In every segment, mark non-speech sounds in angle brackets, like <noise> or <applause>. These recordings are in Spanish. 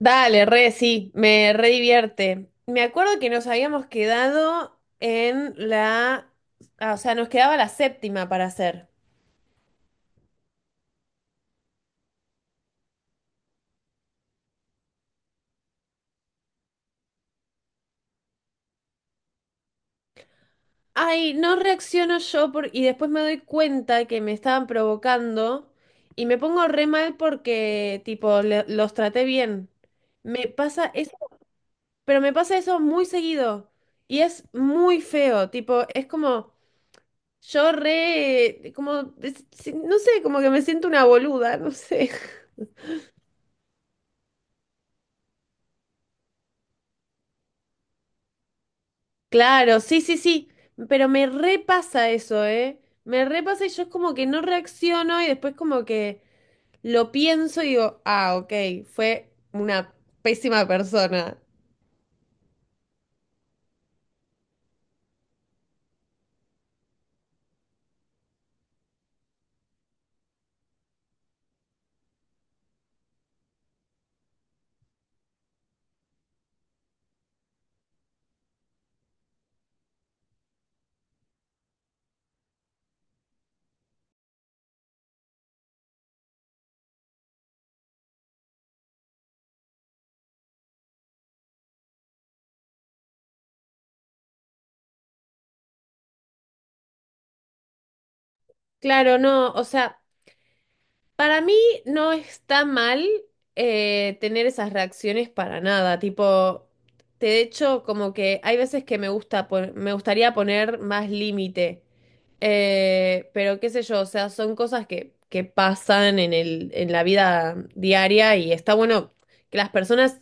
Dale, re, sí, me re divierte. Me acuerdo que nos habíamos quedado o sea, nos quedaba la séptima para hacer. Ay, no reacciono yo y después me doy cuenta que me estaban provocando y me pongo re mal porque, tipo, los traté bien. Me pasa eso, pero me pasa eso muy seguido y es muy feo, tipo, es como yo re, como, no sé, como que me siento una boluda, <laughs> no sé. Claro, sí, sí, sí, pero me repasa eso, ¿eh? Me repasa y yo es como que no reacciono y después como que lo pienso y digo, ah, ok, fue una pésima persona. Claro, no, o sea. Para mí no está mal tener esas reacciones para nada, tipo, de hecho como que hay veces que me gustaría poner más límite, pero qué sé yo, o sea, son cosas que pasan en el, en la vida diaria y está bueno que las personas.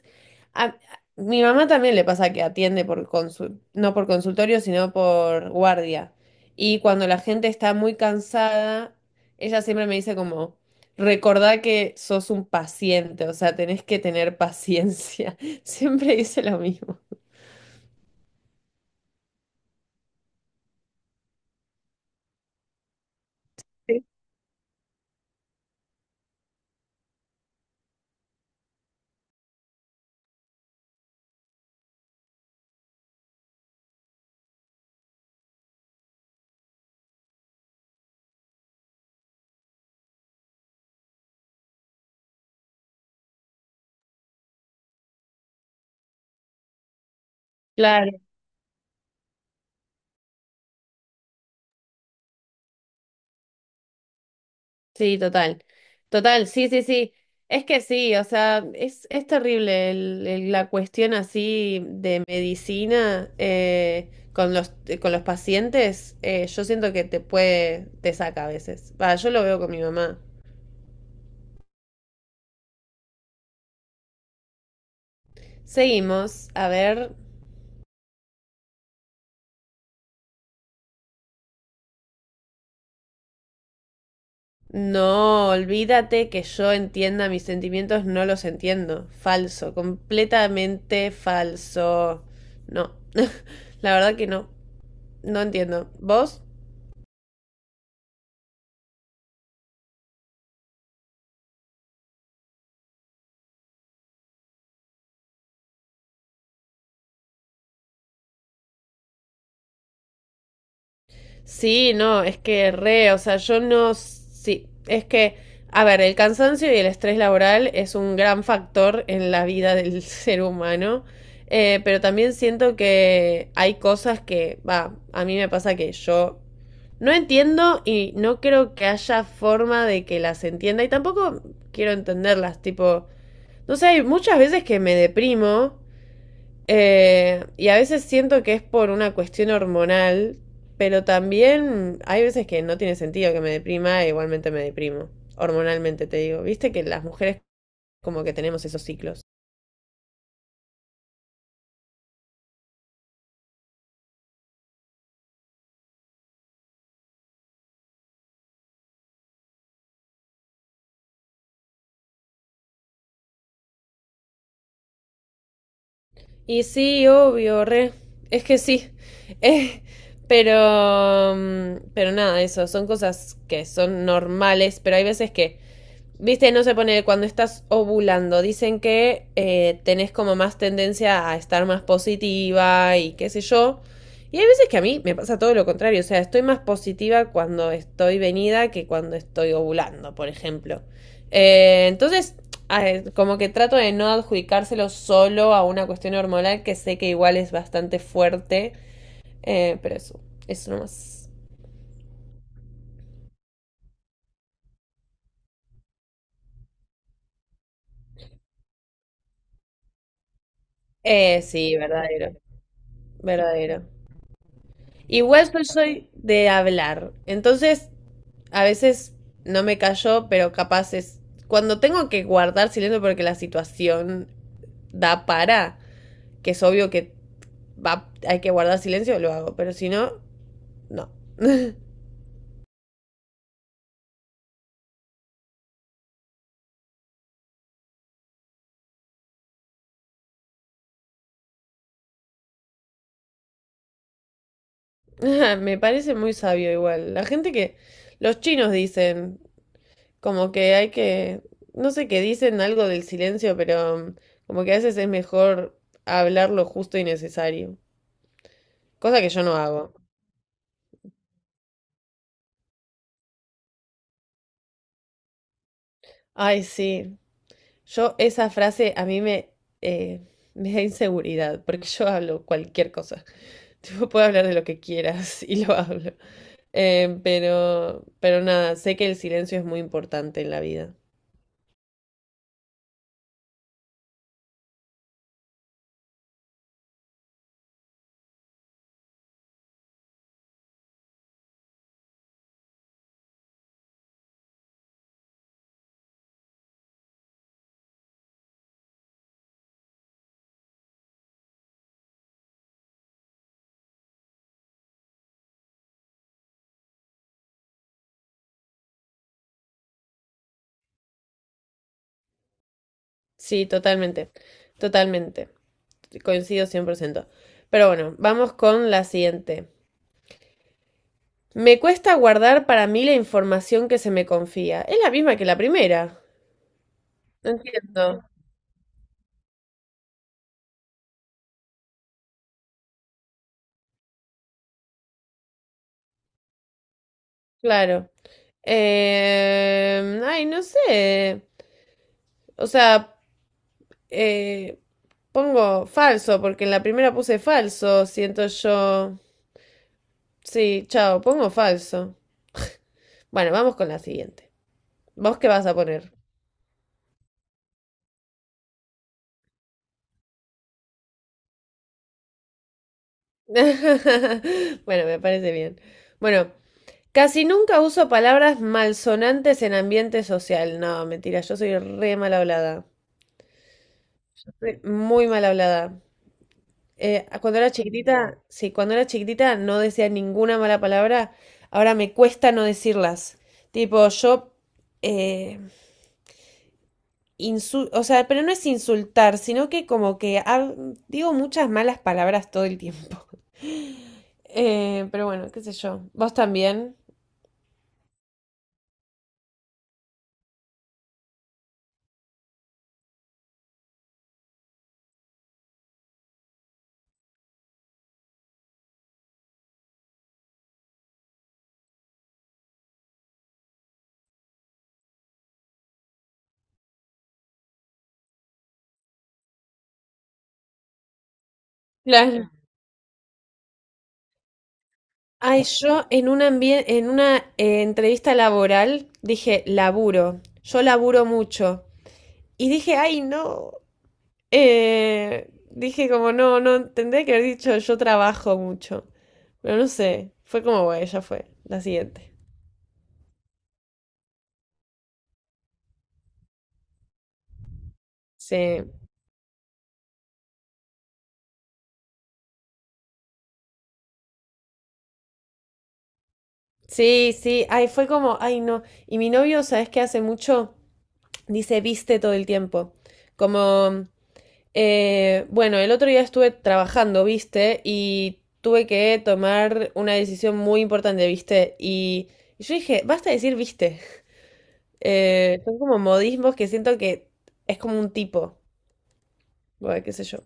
A- mi mamá también le pasa que atiende no por consultorio, sino por guardia. Y cuando la gente está muy cansada, ella siempre me dice como: Recordá que sos un paciente, o sea, tenés que tener paciencia. <laughs> Siempre dice lo mismo. Sí. Claro, sí, total. Total, sí, sí, sí. Es que sí, o sea, es terrible la cuestión así de medicina con los pacientes. Yo siento que te puede, te saca a veces. Va, yo lo veo con mi mamá. Seguimos, a ver. No, olvídate que yo entienda mis sentimientos, no los entiendo. Falso, completamente falso. No, <laughs> la verdad que no, no entiendo. ¿Vos? Sí, no, es que re, o sea, yo no, sí, es que, a ver, el cansancio y el estrés laboral es un gran factor en la vida del <laughs> ser humano, pero también siento que hay cosas que, va, a mí me pasa que yo no entiendo y no creo que haya forma de que las entienda y tampoco quiero entenderlas, tipo, no sé, hay muchas veces que me deprimo. Y a veces siento que es por una cuestión hormonal, pero también hay veces que no tiene sentido que me deprima, e igualmente me deprimo, hormonalmente te digo. Viste que las mujeres como que tenemos esos ciclos. Y sí, obvio, re, es que sí. <laughs> Eh, pero nada, eso, son cosas que son normales, pero hay veces que. Viste, no se pone cuando estás ovulando. Dicen que tenés como más tendencia a estar más positiva y qué sé yo. Y hay veces que a mí me pasa todo lo contrario. O sea, estoy más positiva cuando estoy venida que cuando estoy ovulando, por ejemplo. Entonces, como que trato de no adjudicárselo solo a una cuestión hormonal que sé que igual es bastante fuerte. Pero eso nomás. Sí, verdadero. Verdadero. Igual yo soy de hablar, entonces a veces no me cayó, pero capaz es cuando tengo que guardar silencio porque la situación da para, que es obvio que va, hay que guardar silencio, lo hago, pero si no, no. <laughs> Me parece muy sabio igual. La gente que los chinos dicen, como que hay que, no sé qué dicen algo del silencio, pero como que a veces es mejor hablar lo justo y necesario, cosa que yo no hago. Ay, sí. Yo esa frase a mí eh, <laughs> me da inseguridad, porque yo hablo cualquier cosa. <laughs> Tipo, puedo hablar de lo que quieras y lo hablo. Pero nada, sé que el silencio es muy importante en la vida. Sí, totalmente. Totalmente. Coincido 100%. Pero bueno, vamos con la siguiente. Me cuesta guardar para mí la información que se me confía. Es la misma que la primera. No entiendo. Claro. Ay, no sé. O sea, eh, pongo falso, porque en la primera puse falso, siento yo. Sí, chao, pongo falso. Bueno, vamos con la siguiente. ¿Vos qué vas a poner? <laughs> Bueno, me parece bien. Bueno, casi nunca uso palabras malsonantes en ambiente social. No, mentira, yo soy re mal hablada. Muy mal hablada. Cuando era chiquitita, sí, cuando era chiquitita no decía ninguna mala palabra. Ahora me cuesta no decirlas. Tipo, yo, eh, o sea, pero no es insultar, sino que como que digo muchas malas palabras todo el tiempo. <laughs> Pero bueno, qué sé yo. ¿Vos también? Claro. Ay, yo en una, en una entrevista laboral dije, laburo. Yo laburo mucho. Y dije, ay, no. Dije como, no, no, tendría que haber dicho yo trabajo mucho. Pero no sé, fue como, bueno, ya fue, la siguiente. Sí, sí, sí, ay, fue como, ay, no. Y mi novio, ¿sabes qué hace mucho? Dice viste todo el tiempo. Como, bueno, el otro día estuve trabajando, viste, y tuve que tomar una decisión muy importante, viste. Y yo dije, basta de decir viste. Son como modismos que siento que es como un tipo. Bueno, qué sé yo.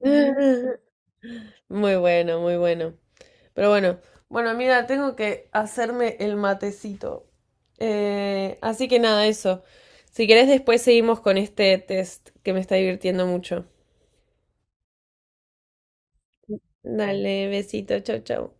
<laughs> Muy bueno, muy bueno. Pero bueno, bueno, amiga, tengo que hacerme el matecito. Así que nada, eso. Si querés, después seguimos con este test que me está divirtiendo mucho. Dale, besito, chau, chau.